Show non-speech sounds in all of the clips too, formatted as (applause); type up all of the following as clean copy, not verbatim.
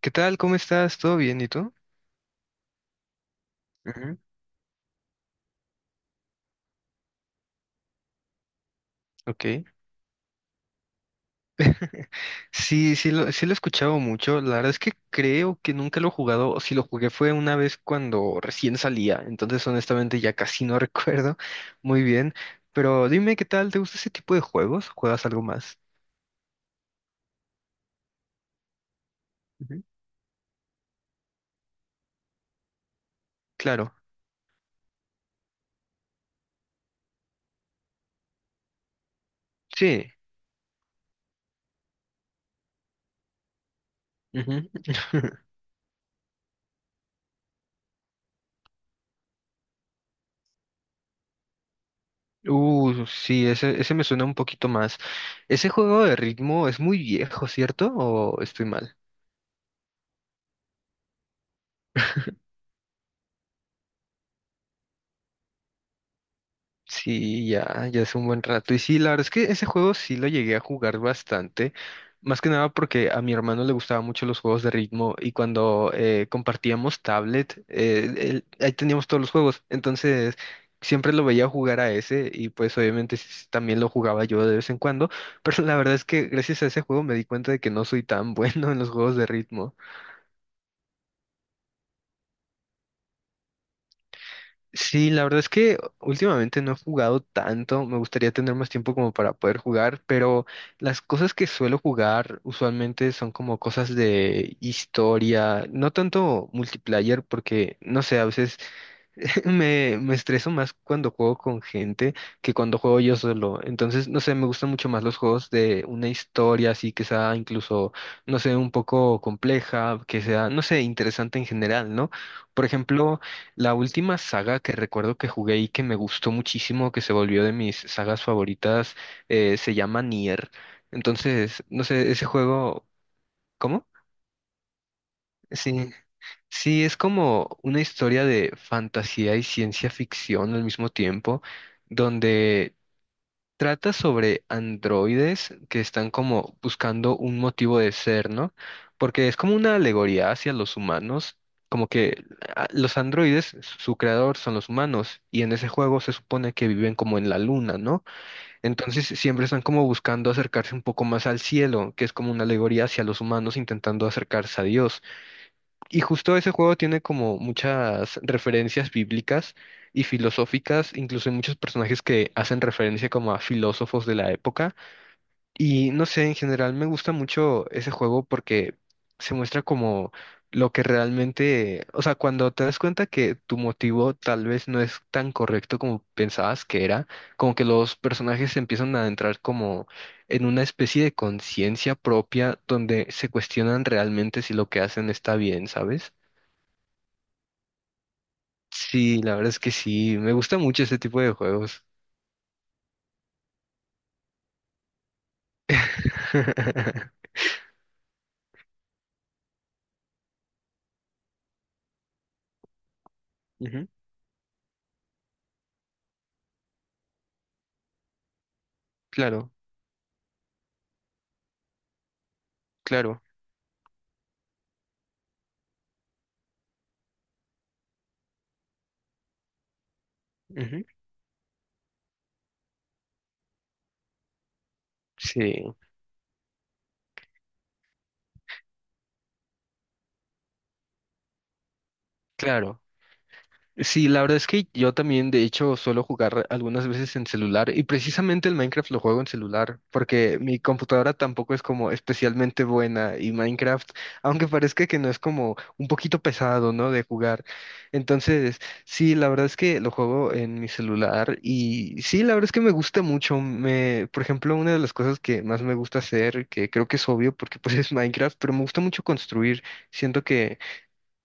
¿Qué tal? ¿Cómo estás? ¿Todo bien? ¿Y tú? Ujú. Ok. (laughs) Sí, sí lo he escuchado mucho. La verdad es que creo que nunca lo he jugado. O si lo jugué fue una vez cuando recién salía. Entonces, honestamente, ya casi no (laughs) recuerdo muy bien. Pero dime, ¿qué tal? ¿Te gusta ese tipo de juegos? ¿Juegas algo más? Ujú. Claro. Sí. Ujú. (laughs) Sí, ese me suena un poquito más. Ese juego de ritmo es muy viejo, ¿cierto? ¿O estoy mal? Sí, ya, ya hace un buen rato. Y sí, la verdad es que ese juego sí lo llegué a jugar bastante. Más que nada porque a mi hermano le gustaban mucho los juegos de ritmo y cuando compartíamos tablet, ahí teníamos todos los juegos. Entonces, siempre lo veía jugar a ese y pues obviamente también lo jugaba yo de vez en cuando. (laughs) Pero la verdad es que gracias a ese juego me di cuenta de que no soy tan (laughs) bueno en los juegos de ritmo. Sí, la verdad es que últimamente no he jugado tanto, me gustaría tener más tiempo como para poder jugar, pero las cosas que suelo jugar usualmente son como cosas de historia, no tanto multiplayer porque, no sé, a veces (laughs) me estreso más cuando juego con gente que cuando juego yo solo. Entonces, no sé, me gustan mucho más los juegos de una historia así que sea incluso, no sé, un poco compleja, que sea, no sé, interesante en general, ¿no? Por ejemplo, la última saga que recuerdo que jugué y que me gustó muchísimo, que se volvió de mis sagas favoritas, se llama Nier. Entonces, no sé, ese juego, ¿cómo? Sí, sí, es como una historia de fantasía y ciencia ficción al mismo tiempo, donde trata sobre androides que están como buscando un motivo de ser, ¿no? Porque es como una alegoría hacia los humanos, como que ah, los androides, su creador son los humanos, y en ese juego se supone que viven como en la luna, ¿no? Entonces siempre están como buscando acercarse un poco más al cielo, que es como una alegoría hacia los humanos intentando acercarse a Dios. Y justo ese juego tiene como muchas referencias bíblicas y filosóficas, incluso hay muchos personajes que hacen referencia como a filósofos de la época. Y no sé, en general me gusta mucho ese juego porque se muestra como lo que realmente, o sea, cuando te das cuenta que tu motivo tal vez no es tan correcto como pensabas que era, como que los personajes empiezan a entrar como en una especie de conciencia propia donde se cuestionan realmente si lo que hacen está bien, ¿sabes? Sí, la verdad es que sí, me gusta mucho ese tipo de juegos. (laughs) Ujú. Claro, claro. Ujú. Sí, claro. Sí, la verdad es que yo también, de hecho, suelo jugar algunas veces en celular y precisamente el Minecraft lo juego en celular porque mi computadora tampoco es como especialmente buena y Minecraft, aunque parezca que no es como un poquito pesado, ¿no? De jugar. Entonces, sí, la verdad es que lo juego en mi celular y sí, la verdad es que me gusta mucho. Me, por ejemplo, una de las cosas que más me gusta hacer, que creo que es obvio porque pues es Minecraft, pero me gusta mucho construir. Siento que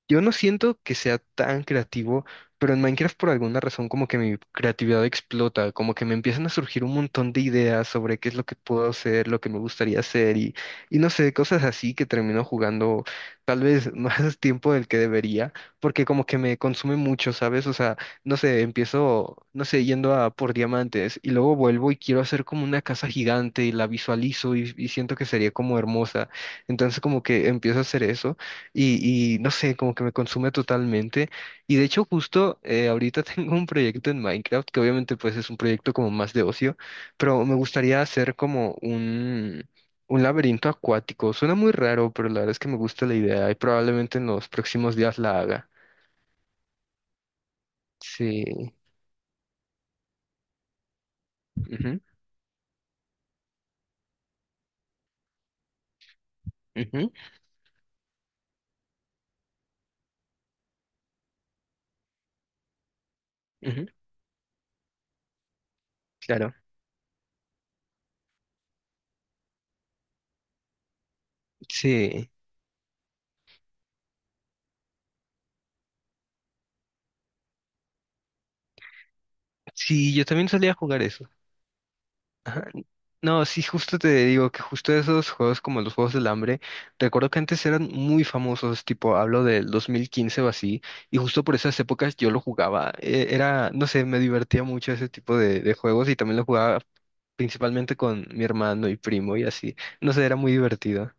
yo no siento que sea tan creativo, pero en Minecraft por alguna razón como que mi creatividad explota, como que me empiezan a surgir un montón de ideas sobre qué es lo que puedo hacer, lo que me gustaría hacer y no sé, cosas así que termino jugando tal vez (laughs) más tiempo del que debería, porque como que me consume mucho, ¿sabes? O sea, no sé, empiezo, no sé, yendo a por diamantes y luego vuelvo y quiero hacer como una casa gigante y la visualizo y siento que sería como hermosa. Entonces como que empiezo a hacer eso. Y no sé, como que me consume totalmente. Y de hecho, justo ahorita (laughs) tengo un proyecto en Minecraft, que obviamente pues es un proyecto como más de ocio, pero me gustaría hacer como un laberinto acuático. Suena muy raro, pero la verdad es que me gusta la idea y probablemente en los próximos días la haga. Sí. Ujú, ujú, ujú. Claro. Sí. Sí, yo también solía jugar eso. No, sí, justo te digo que justo esos juegos como los Juegos del Hambre, recuerdo que antes eran muy famosos, tipo, hablo del 2015 o así, y justo por esas épocas yo lo jugaba. Era, no sé, me divertía mucho ese tipo de juegos y también lo jugaba principalmente con mi hermano y primo y así. No sé, era muy divertido.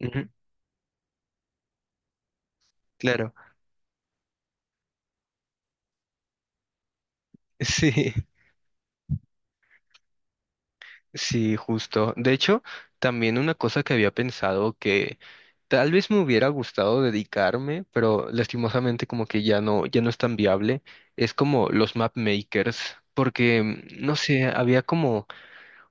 Ujú, claro, (laughs) sí. Sí, justo. De hecho, también una cosa que había pensado que tal vez me hubiera gustado dedicarme, pero lastimosamente como que ya no, ya no es tan viable, es como los map makers, porque no sé, había como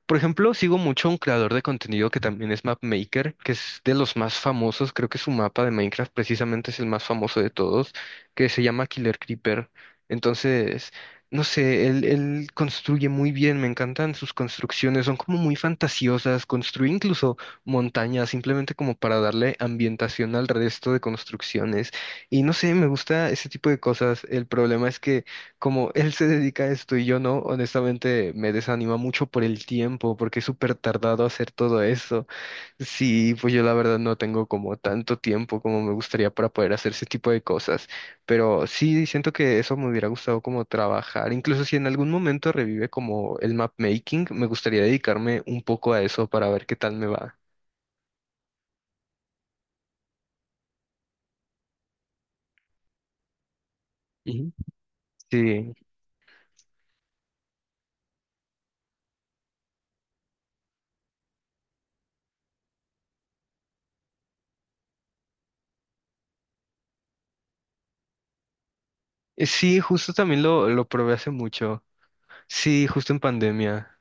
por ejemplo, sigo mucho a un creador de contenido que también es Mapmaker, que es de los más famosos. Creo que su mapa de Minecraft precisamente es el más famoso de todos, que se llama Killer Creeper. Entonces, no sé, él construye muy bien, me encantan sus construcciones, son como muy fantasiosas. Construye incluso montañas, simplemente como para darle ambientación al resto de construcciones. Y no sé, me gusta ese tipo de cosas. El problema es que como él se dedica a esto y yo no, honestamente me desanima mucho por el tiempo, porque es súper tardado hacer todo eso. Sí, pues yo la verdad no tengo como tanto tiempo como me gustaría para poder hacer ese tipo de cosas, pero sí siento que eso me hubiera gustado como trabajar. Incluso si en algún momento revive como el map making, me gustaría dedicarme un poco a eso para ver qué tal me va. Ujú. Sí. Sí, justo también lo probé hace mucho. Sí, justo en pandemia.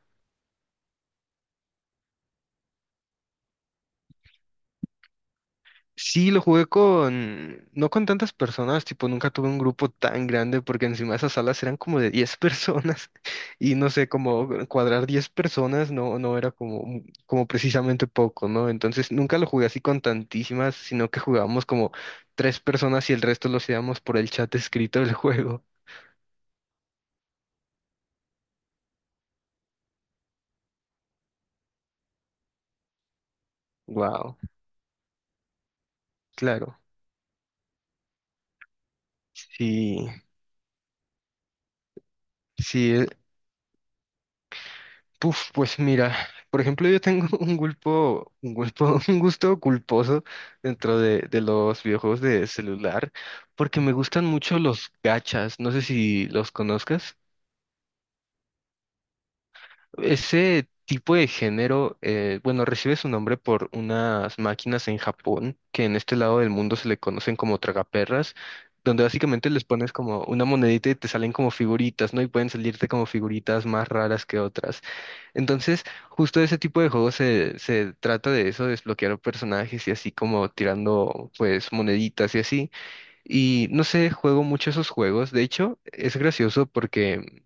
Sí, lo jugué con, no con tantas personas, tipo, nunca tuve un grupo tan grande porque encima esas salas eran como de 10 personas (laughs) y no sé, como cuadrar 10 personas no, no era como, como precisamente poco, ¿no? Entonces nunca lo jugué así con tantísimas, sino que jugábamos como tres personas y el resto lo hacíamos por el chat escrito del (laughs) juego. Wow, claro. Sí, sí. Puf, pues mira, por ejemplo, yo tengo (laughs) (laughs) un gusto culposo dentro de los videojuegos de celular, porque me gustan mucho los gachas, no sé si los conozcas. Ese tipo de género, bueno, recibe su nombre por unas máquinas en Japón, que en este lado del mundo se le conocen como tragaperras, donde básicamente les pones como una monedita y te salen como figuritas, ¿no? Y pueden salirte como figuritas más raras que otras. Entonces, justo ese tipo de juegos se trata de eso, desbloquear personajes y así como tirando pues moneditas y así. Y no sé, juego mucho esos juegos. De hecho, es gracioso porque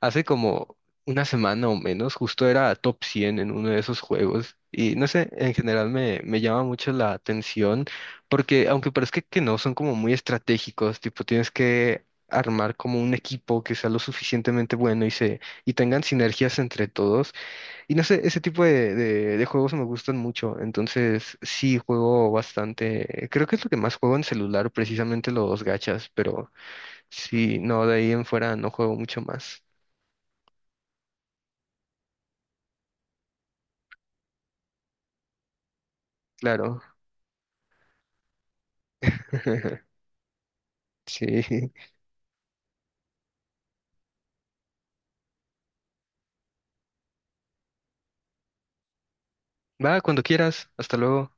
hace como una semana o menos justo era top 100 en uno de esos juegos. Y no sé, en general me llama mucho la atención porque aunque parezca que no, son como muy estratégicos, tipo tienes que armar como un equipo que sea lo suficientemente bueno y se y tengan sinergias entre todos. Y no sé, ese tipo de juegos me gustan mucho, entonces sí juego bastante. Creo que es lo que más juego en celular, precisamente los gachas, pero sí, no, de ahí en fuera no juego mucho más. Claro. (laughs) Sí. Va, cuando quieras. Hasta luego.